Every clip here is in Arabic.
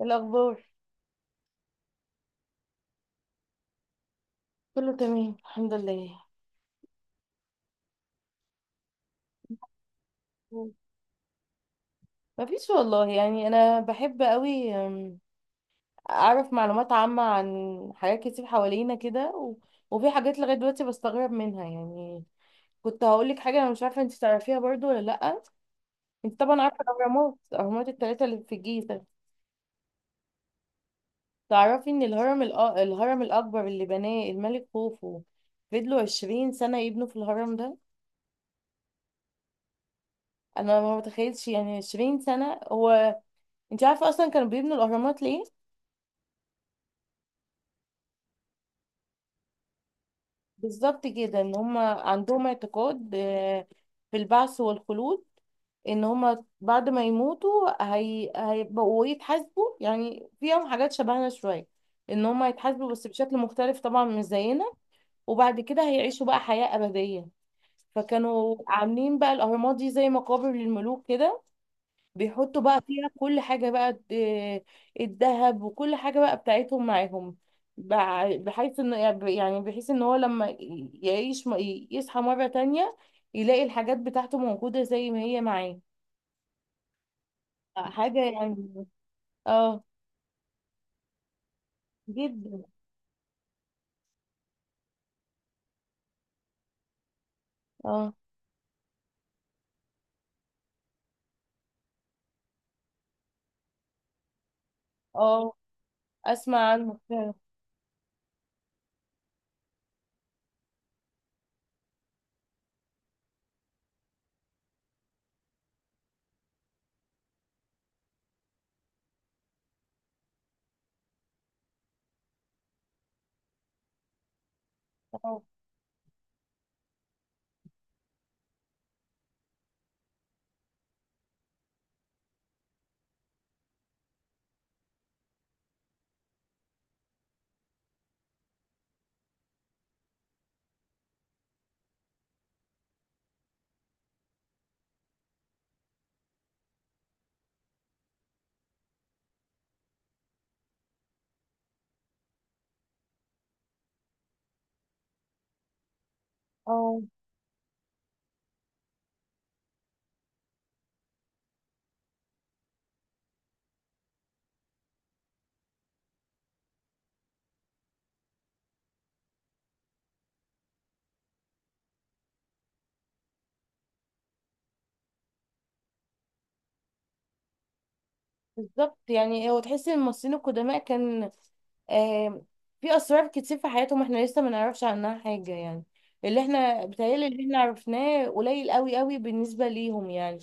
الأخبار كله تمام الحمد لله. مم. مفيش والله يعني أنا بحب قوي أعرف معلومات عامة عن حاجات كتير حوالينا كده وفي حاجات لغاية دلوقتي بستغرب منها يعني. كنت هقولك حاجة أنا مش عارفة أنت تعرفيها برضو ولا لأ. أنت طبعا عارفة الأهرامات التلاتة اللي في الجيزة. تعرفي إن الهرم الأكبر اللي بناه الملك خوفو فضلوا 20 سنة يبنوا في الهرم ده. أنا ما متخيلش يعني 20 سنة. هو أنت عارفة أصلا كانوا بيبنوا الأهرامات ليه؟ بالظبط كده ان هم عندهم اعتقاد في البعث والخلود. ان هم بعد ما يموتوا هيبقوا يتحاسبوا يعني، فيهم حاجات شبهنا شوية. ان هم هيتحاسبوا بس بشكل مختلف طبعا مش زينا. وبعد كده هيعيشوا بقى حياة أبدية. فكانوا عاملين بقى الأهرامات دي زي مقابر للملوك كده. بيحطوا بقى فيها كل حاجة بقى، الذهب وكل حاجة بقى بتاعتهم معاهم. بحيث انه، يعني بحيث ان هو لما يعيش يصحى مرة تانية يلاقي الحاجات بتاعته موجودة زي ما هي معاه. حاجة يعني. اه، جدا. اه. اه. اسمع عنه فعلا. اه. اه. بالظبط يعني هو تحس ان الممثلين القدماء كان آه في اسرار كتير في حياتهم احنا لسه ما نعرفش عنها حاجه يعني. اللي احنا بيتهيألي اللي احنا عرفناه قليل قوي قوي بالنسبه ليهم يعني.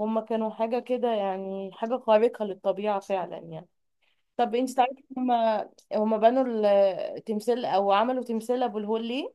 هما كانوا حاجه كده يعني، حاجه خارقه للطبيعه فعلا يعني. طب انت تعرفي، هما بنوا التمثال او عملوا تمثال ابو الهول ليه؟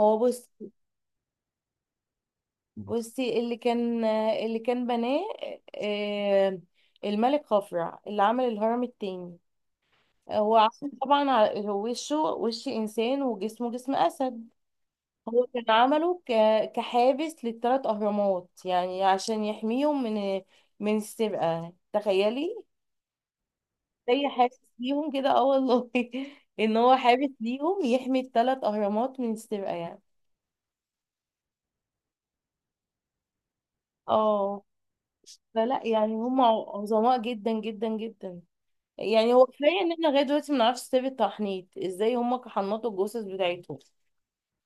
هو بص. بصي، اللي كان بناه آه الملك خفرع اللي عمل الهرم التاني. هو عشان طبعا هو وشه وش انسان وجسمه جسم اسد. هو كان عمله كحابس للثلاث اهرامات يعني عشان يحميهم من السرقه، تخيلي. زي حابس ليهم كده، اه والله. ان هو حابس ليهم يحمي الثلاث اهرامات من السرقه يعني. اه. فلا يعني هم عظماء جدا جدا جدا. يعني هو كفايه ان احنا لغايه دلوقتي ما نعرفش سر التحنيط ازاي هم حنطوا الجثث بتاعتهم.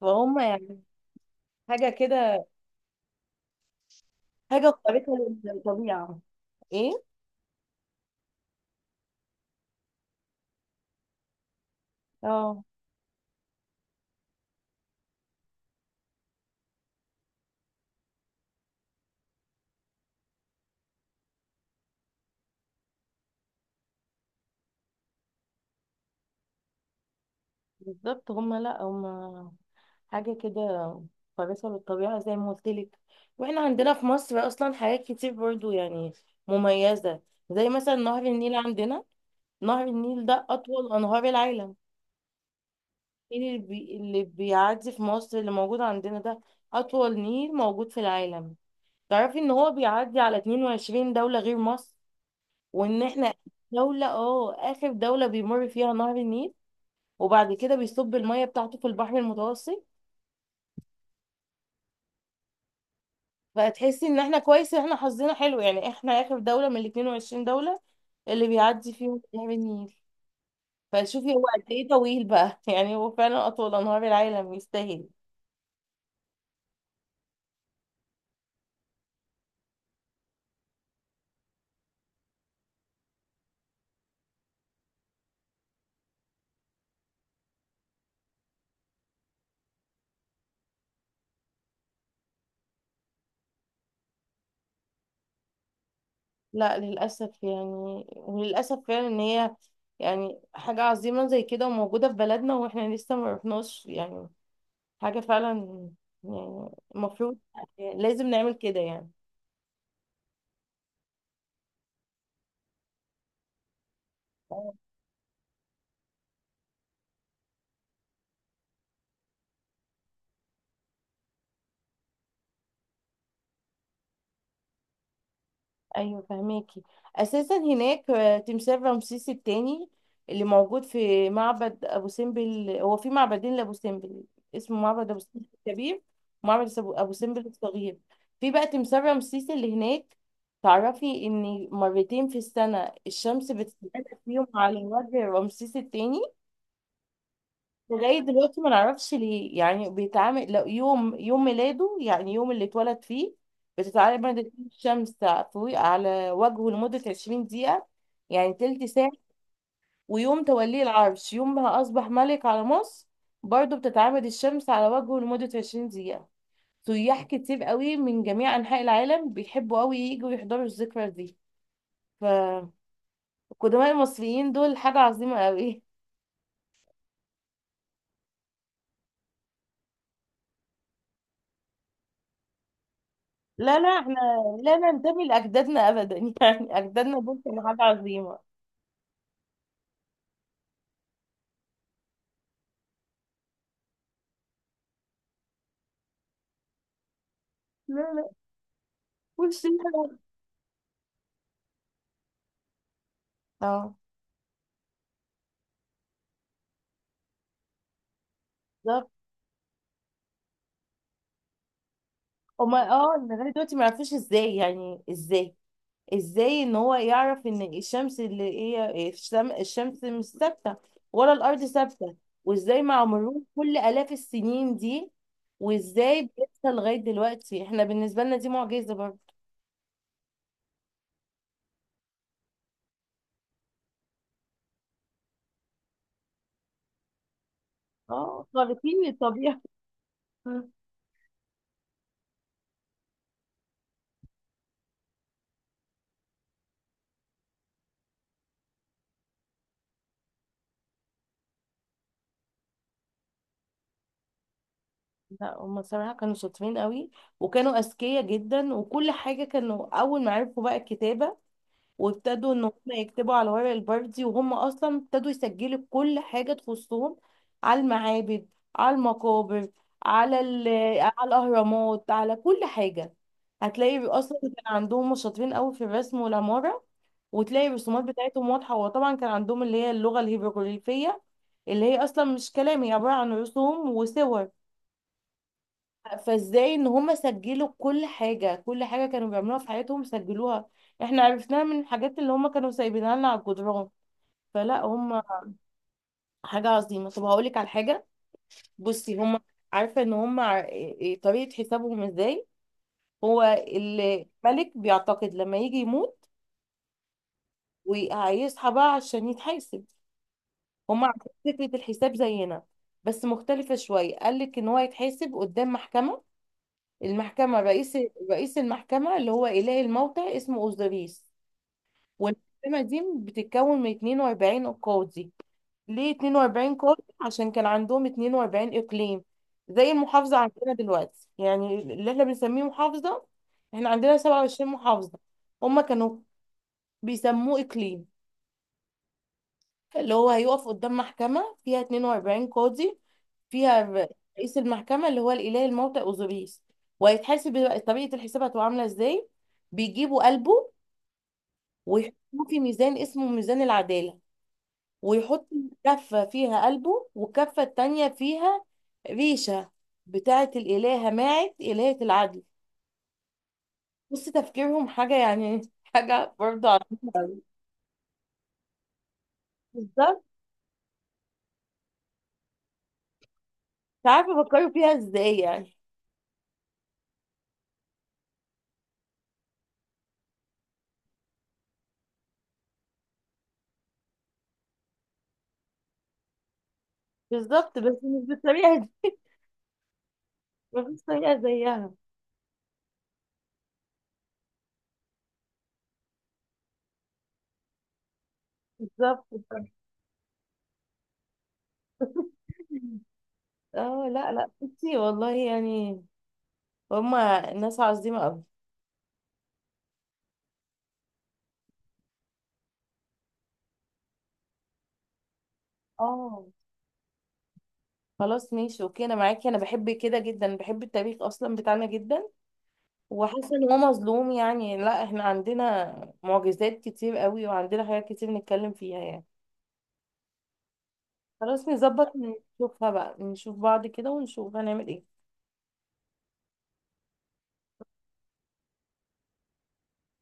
فهم يعني حاجه كده. حاجة قريتها للطبيعة. ايه. اه. بالظبط هما، لا هما حاجة كده كويسة للطبيعة زي ما قلت لك. واحنا عندنا في مصر أصلا حاجات كتير برضو يعني مميزة. زي مثلا نهر النيل عندنا. نهر النيل ده أطول أنهار العالم. النيل اللي بيعدي في مصر اللي موجود عندنا ده أطول نيل موجود في العالم. تعرفي إن هو بيعدي على 22 دولة غير مصر وإن احنا دولة اه آخر دولة بيمر فيها نهر النيل وبعد كده بيصب المية بتاعته في البحر المتوسط. فتحسي ان احنا كويس ان احنا حظنا حلو، يعني احنا اخر دولة من ال 22 دولة اللي بيعدي فيهم نهر النيل. فشوفي هو قد ايه طويل بقى، يعني هو فعلا اطول انهار العالم يستاهل. لا للاسف يعني، وللاسف فعلا ان هي يعني حاجة عظيمة زي كده وموجودة في بلدنا واحنا لسه ما رحناش يعني. حاجة فعلا يعني المفروض لازم نعمل كده يعني. ايوه فهماكي. اساسا هناك تمثال رمسيس الثاني اللي موجود في معبد ابو سمبل. هو في معبدين لابو سمبل، اسمه معبد ابو سمبل الكبير، ومعبد ابو سمبل الصغير. في بقى تمثال رمسيس اللي هناك. تعرفي ان مرتين في السنة الشمس بتتسلق فيهم على وجه رمسيس الثاني. لغاية دلوقتي ما نعرفش ليه، يعني بيتعامل لو يوم يوم ميلاده يعني يوم اللي اتولد فيه بتتعرض مادة الشمس فوق على وجهه لمدة 20 دقيقة، يعني تلت ساعة. ويوم توليه العرش يوم ما أصبح ملك على مصر برضه بتتعامد الشمس على وجهه لمدة 20 دقيقة. سياح كتير قوي من جميع أنحاء العالم بيحبوا قوي يجوا يحضروا الذكرى دي. فالقدماء المصريين دول حاجة عظيمة قوي. لا لا، احنا لا ننتمي لأجدادنا أبدا. يعني أجدادنا دول كانوا حاجة عظيمة. لا لا. والشيلة. اه بالظبط. هما اه لغاية دلوقتي ما يعرفوش ازاي، يعني ازاي ان هو يعرف ان الشمس اللي هي الشمس مش ثابتة ولا الأرض ثابتة. وازاي مع مرور كل آلاف السنين دي وازاي بيحصل لغاية دلوقتي احنا بالنسبة لنا دي معجزة برضه. اه خارقين للطبيعة. لا هما صراحة كانوا شاطرين قوي وكانوا أذكياء جدا وكل حاجة. كانوا أول ما عرفوا بقى الكتابة وابتدوا إن هما يكتبوا على ورق البردي وهم أصلا ابتدوا يسجلوا كل حاجة تخصهم على المعابد، على المقابر، على على الأهرامات، على كل حاجة. هتلاقي أصلا كان عندهم هما شاطرين قوي في الرسم والعمارة. وتلاقي الرسومات بتاعتهم واضحة، وطبعا كان عندهم اللي هي اللغة الهيروغليفية اللي هي أصلا مش كلام، هي عبارة عن رسوم وصور. فازاي ان هم سجلوا كل حاجة، كل حاجة كانوا بيعملوها في حياتهم سجلوها. احنا عرفناها من الحاجات اللي هم كانوا سايبينها لنا على الجدران. فلا هم حاجة عظيمة. طب هقولك على حاجة، بصي هم. عارفة ان هم ع- إيه- إيه، طريقة حسابهم ازاي. هو الملك بيعتقد لما يجي يموت وهيصحى بقى عشان يتحاسب. هم عندهم فكرة الحساب زينا بس مختلفة شوية. قالك ان هو يتحاسب قدام محكمة، المحكمة رئيس المحكمة اللي هو إله الموتى اسمه أوزوريس. والمحكمة دي بتتكون من 42 قاضي. ليه 42 قاضي؟ عشان كان عندهم 42 إقليم، زي المحافظة عندنا دلوقتي يعني اللي احنا بنسميه محافظة. احنا عندنا 27 محافظة. هما كانوا بيسموه إقليم. اللي هو هيقف قدام محكمة فيها 42 قاضي، فيها رئيس المحكمة اللي هو الإله الموتى أوزوريس. وهيتحاسب طريقة الحساب هتبقى عاملة ازاي. بيجيبوا قلبه ويحطوه في ميزان اسمه ميزان العدالة. ويحط كفة فيها قلبه والكفة التانية فيها ريشة بتاعة الإلهة ماعت إلهة العدل. بص تفكيرهم حاجة يعني، حاجة برضه عظيمة أوي. بالظبط. مش عارفة بفكروا فيها ازاي يعني. بالظبط بس مش بالطريقة دي. مفيش طريقة زيها. بالظبط. اه. لا لا بصي والله يعني هما الناس عظيمة قوي. اه. خلاص ماشي اوكي انا معاكي، انا بحب كده جدا، بحب التاريخ اصلا بتاعنا جدا وحاسه ان هو مظلوم يعني. لا احنا عندنا معجزات كتير قوي وعندنا حاجات كتير نتكلم فيها يعني. خلاص نظبط، نشوفها بقى، نشوف بعض كده ونشوف هنعمل ايه.